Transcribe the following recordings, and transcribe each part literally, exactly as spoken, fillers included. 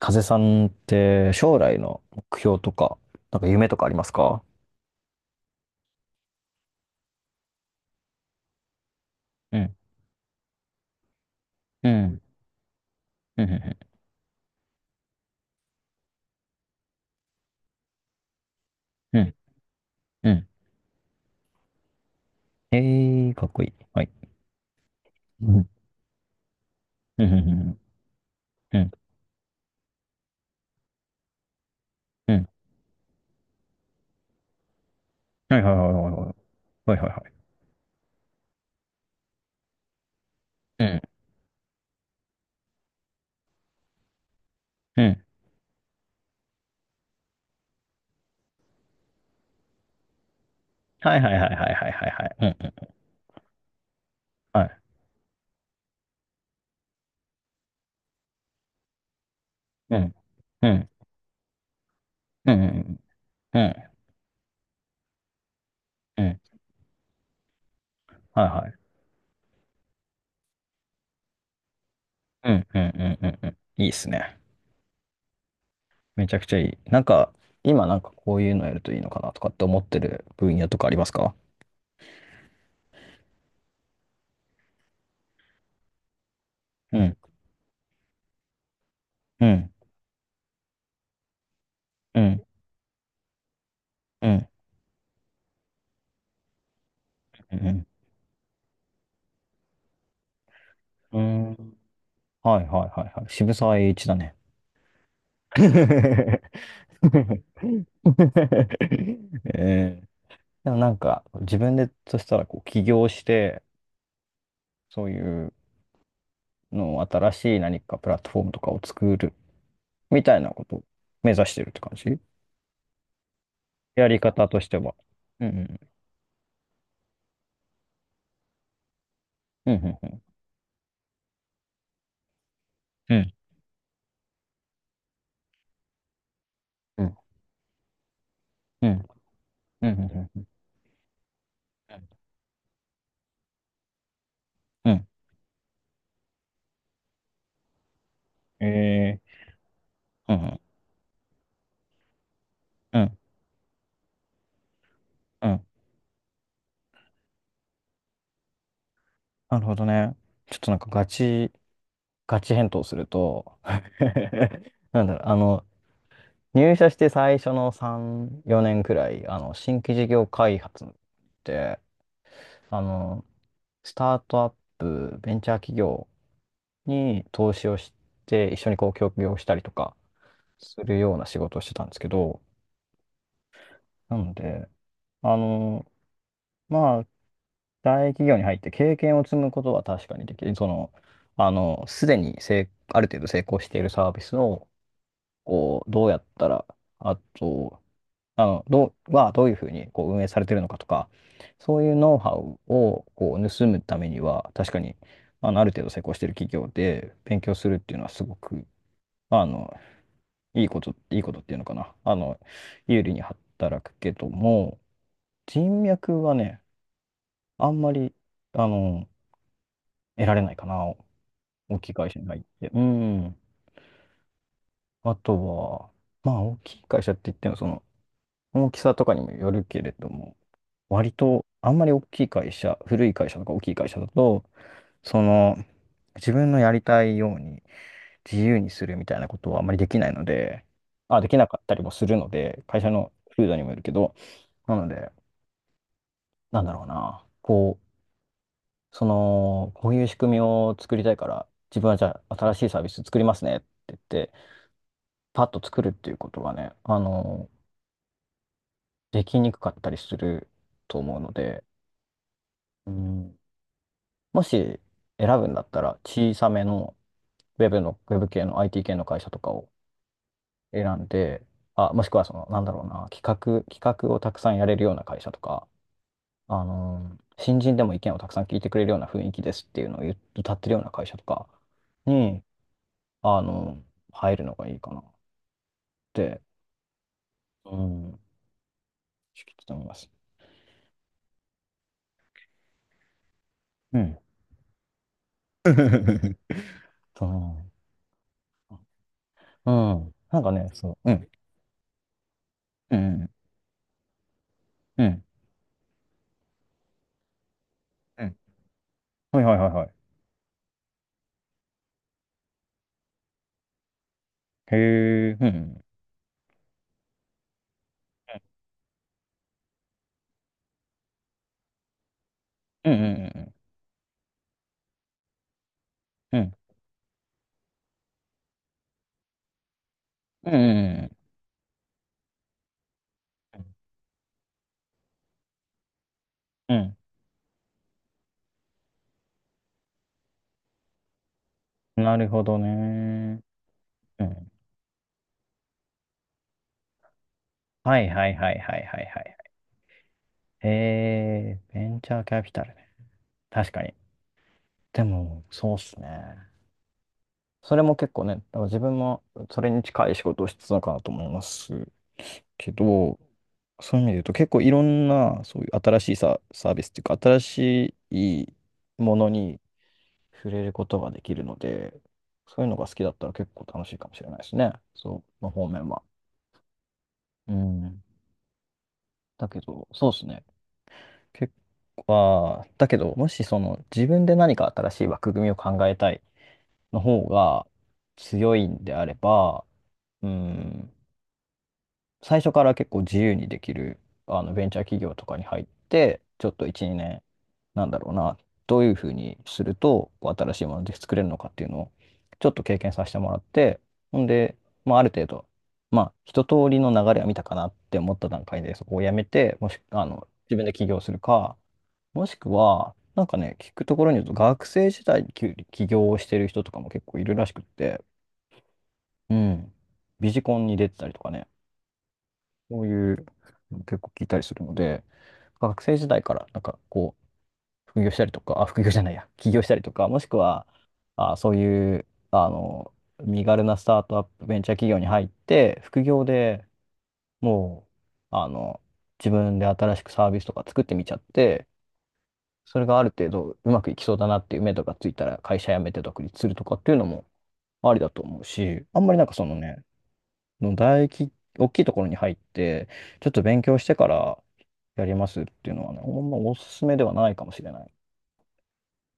風さんって将来の目標とか、なんか夢とかありますか？うん、うん、うん、うん、うん、うん。ええー、かっこいい。はい。うん、うん、うん、うん、うん。はいはいはいはいはい。はいはいはい。うん、うん。はいはいはいはいはいはいはい。うん、うん。はい。うん、うん、うん、うん、うん、うん。はいはい。うん、うん、うん、うん、うん。いいっすね。めちゃくちゃいい。なんか、今なんかこういうのやるといいのかなとかって思ってる分野とかありますか？うん、うん、うん、うん。うん。うん。うん。はいはいはいはい。渋沢栄一だね。ええ。でもなんか自分でとしたらこう起業して、そういうのを新しい何かプラットフォームとかを作るみたいなことを目指してるって感じ？やり方としては。うん、うん、うん、うん、うん、うん、うん、うん、うん、うん、うん、うん、うん、えーうん、うん、うん、うん。なるほどね。ちょっとなんかガチガチ返答すると なんだろう、あの、入社して最初のさん、よねんくらい、あの、新規事業開発って、あの、スタートアップ、ベンチャー企業に投資をして、一緒にこう、協業したりとかするような仕事をしてたんですけど、なので、あの、まあ、大企業に入って経験を積むことは確かにできる。その、あの、すでに成ある程度成功しているサービスを、こう、どうやったら、あと、あの、どう、はどういうふうにこう運営されてるのかとか、そういうノウハウをこう盗むためには、確かに、あの、ある程度成功してる企業で勉強するっていうのはすごく、あの、いいこと、いいことっていうのかな。あの、有利に働くけども、人脈はね、あんまり、あの、得られないかな。大きい会社に入って。うん。あとは、まあ、大きい会社って言っても、その、大きさとかにもよるけれども、割と、あんまり大きい会社、古い会社とか大きい会社だと、その、自分のやりたいように自由にするみたいなことはあんまりできないので、あ、できなかったりもするので、会社の風土にもよるけど、なので、なんだろうな、こう、その、こういう仕組みを作りたいから、自分はじゃあ新しいサービス作りますねって言って、パッと作るっていうことがね、あの、できにくかったりすると思うので、うん、もし選ぶんだったら小さめのウェブの、ウェブ系の アイティー 系の会社とかを選んで、あ、もしくはその、なんだろうな、企画、企画をたくさんやれるような会社とか、あのー新人でも意見をたくさん聞いてくれるような雰囲気ですっていうのを言っ歌ってるような会社とかに、あのー入るのがいいかなって、うん、ちょっと思います。うん。そう。うん。なんかね、そう。うん。うん。うん。うん。はいはいはいはい。へえ。うん。うん。うん。うん。うん。うん。うん。うん。うん。うん。うん。なるほどね。うん。はいはいはいはいはいはい。えー、ベンチャーキャピタルね。確かに。でも、そうっすね。それも結構ね、だから自分もそれに近い仕事をしてたのかなと思いますけど、そういう意味で言うと結構いろんなそういう新しいサ、サービスっていうか、新しいものに触れることができるので、そういうのが好きだったら結構楽しいかもしれないですね。そう、の方面は。うん。だけど、そうですね。結構は、あーだけど、もしその自分で何か新しい枠組みを考えたいの方が強いんであれば、うん、最初から結構自由にできるあのベンチャー企業とかに入って、ちょっといち、にねん、なんだろうな、どういうふうにするとこう新しいもので作れるのかっていうのをちょっと経験させてもらって、ほんで、まあ、ある程度、まあ、一通りの流れは見たかなって思った段階で、そこをやめて、もし、あの、自分で起業するか、もしくは、なんかね、聞くところによると、学生時代に起起業をしてる人とかも結構いるらしくって、うん、ビジコンに出てたりとかね、そういうの結構聞いたりするので、学生時代からなんかこう、副業したりとか、あ、副業じゃないや、起業したりとか、もしくは、あ、そういう、あの、身軽なスタートアップ、ベンチャー企業に入って、副業でもう、あの、自分で新しくサービスとか作ってみちゃって、それがある程度うまくいきそうだなっていう目とかついたら会社辞めて独立するとかっていうのもありだと思うし、あんまりなんかそのね、の大き、大きいところに入って、ちょっと勉強してからやりますっていうのはね、ほんまおすすめではないかもしれない。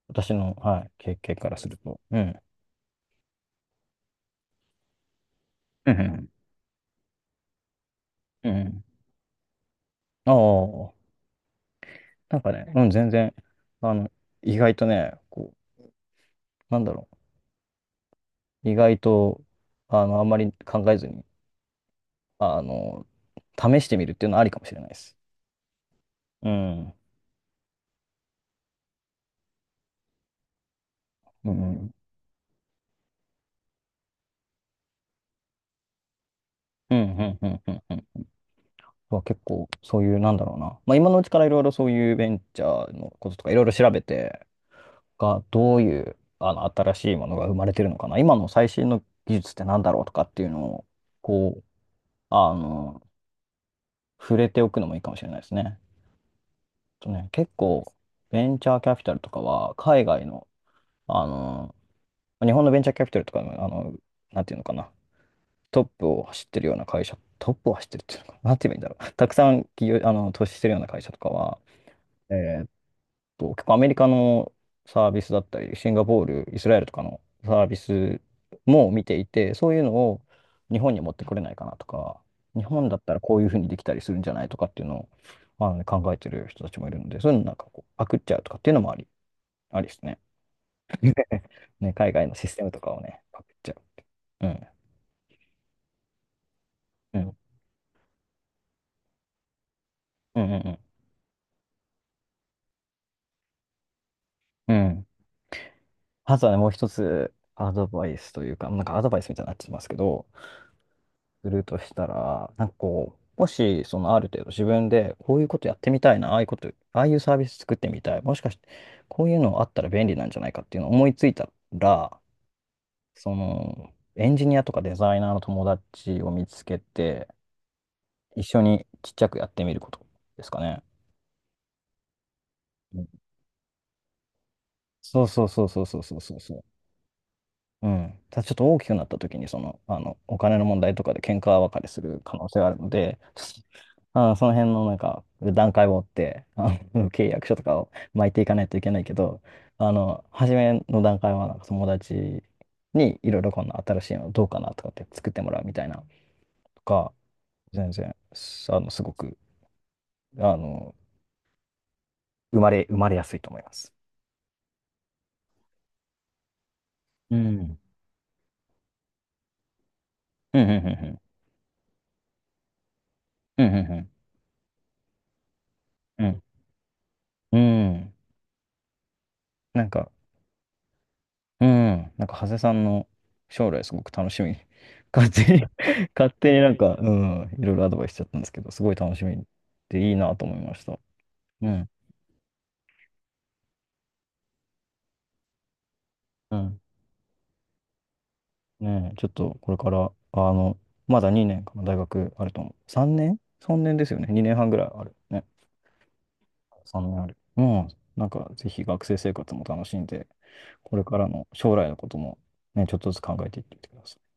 私の、はい、経験からすると。うん。うんうんうん。ああ、なんかね、うん、全然、あの、意外とね、こう、なんだろう、意外と、あの、あんまり考えずに、あの、試してみるっていうのはありかもしれないです。うん。うん、うん、うん、うん、うん、うん。うんは結構そういう、なんだろうな。まあ今のうちからいろいろそういうベンチャーのこととかいろいろ調べて、が、どういう、あの、新しいものが生まれてるのかな。今の最新の技術ってなんだろうとかっていうのを、こう、あの、触れておくのもいいかもしれないですね。とね、結構、ベンチャーキャピタルとかは、海外の、あの、日本のベンチャーキャピタルとかの、あの、なんていうのかな。トップを走ってるような会社、トップを走ってるっていうのかな。なんて言えばいいんだろう。たくさん企業、あの、投資してるような会社とかは、えと、結構アメリカのサービスだったり、シンガポール、イスラエルとかのサービスも見ていて、そういうのを日本に持ってこれないかなとか、日本だったらこういうふうにできたりするんじゃないとかっていうのを、まあのね、考えてる人たちもいるので、そういうのなんかこう、パクっちゃうとかっていうのもあり、ありですね。ね、海外のシステムとかをね、パクっちゃう。うん。うん。うんうんうん。うん。あとはね、もう一つ、アドバイスというか、なんかアドバイスみたいになってますけど、するとしたら、なんかこう、もし、そのある程度自分で、こういうことやってみたいな、ああいうこと、ああいうサービス作ってみたい、もしかして、こういうのあったら便利なんじゃないかっていうのを思いついたら、その、エンジニアとかデザイナーの友達を見つけて、一緒にちっちゃくやってみることですかね。うんそうそうそうそうそうそうそう。うん。ただちょっと大きくなった時に、その、あの、お金の問題とかで喧嘩別れする可能性があるので、あーその辺のなんか、段階を追って、あの、契約書とかを巻いていかないといけないけど、あの、初めの段階は、なんか友達にいろいろこんな新しいのどうかなとかって作ってもらうみたいなとか、全然、すあの、すごく、あの、生まれ、生まれやすいと思います。うん。うん、うん、うん、うん。うん、うん、うん。うん。うんなんか、うん。なんか、長谷さんの将来すごく楽しみ。勝手に 勝手になんか、うん、いろいろアドバイスしちゃったんですけど、すごい楽しみでいいなと思いました。うん。うん。ねえ、ちょっとこれから、あの、まだにねんかな、大学あると思う。さんねん ?さん 年ですよね。にねんはんぐらいある。ね。さんねんある。うん。なんか、ぜひ学生生活も楽しんで、これからの将来のこともね、ちょっとずつ考えていってみてください。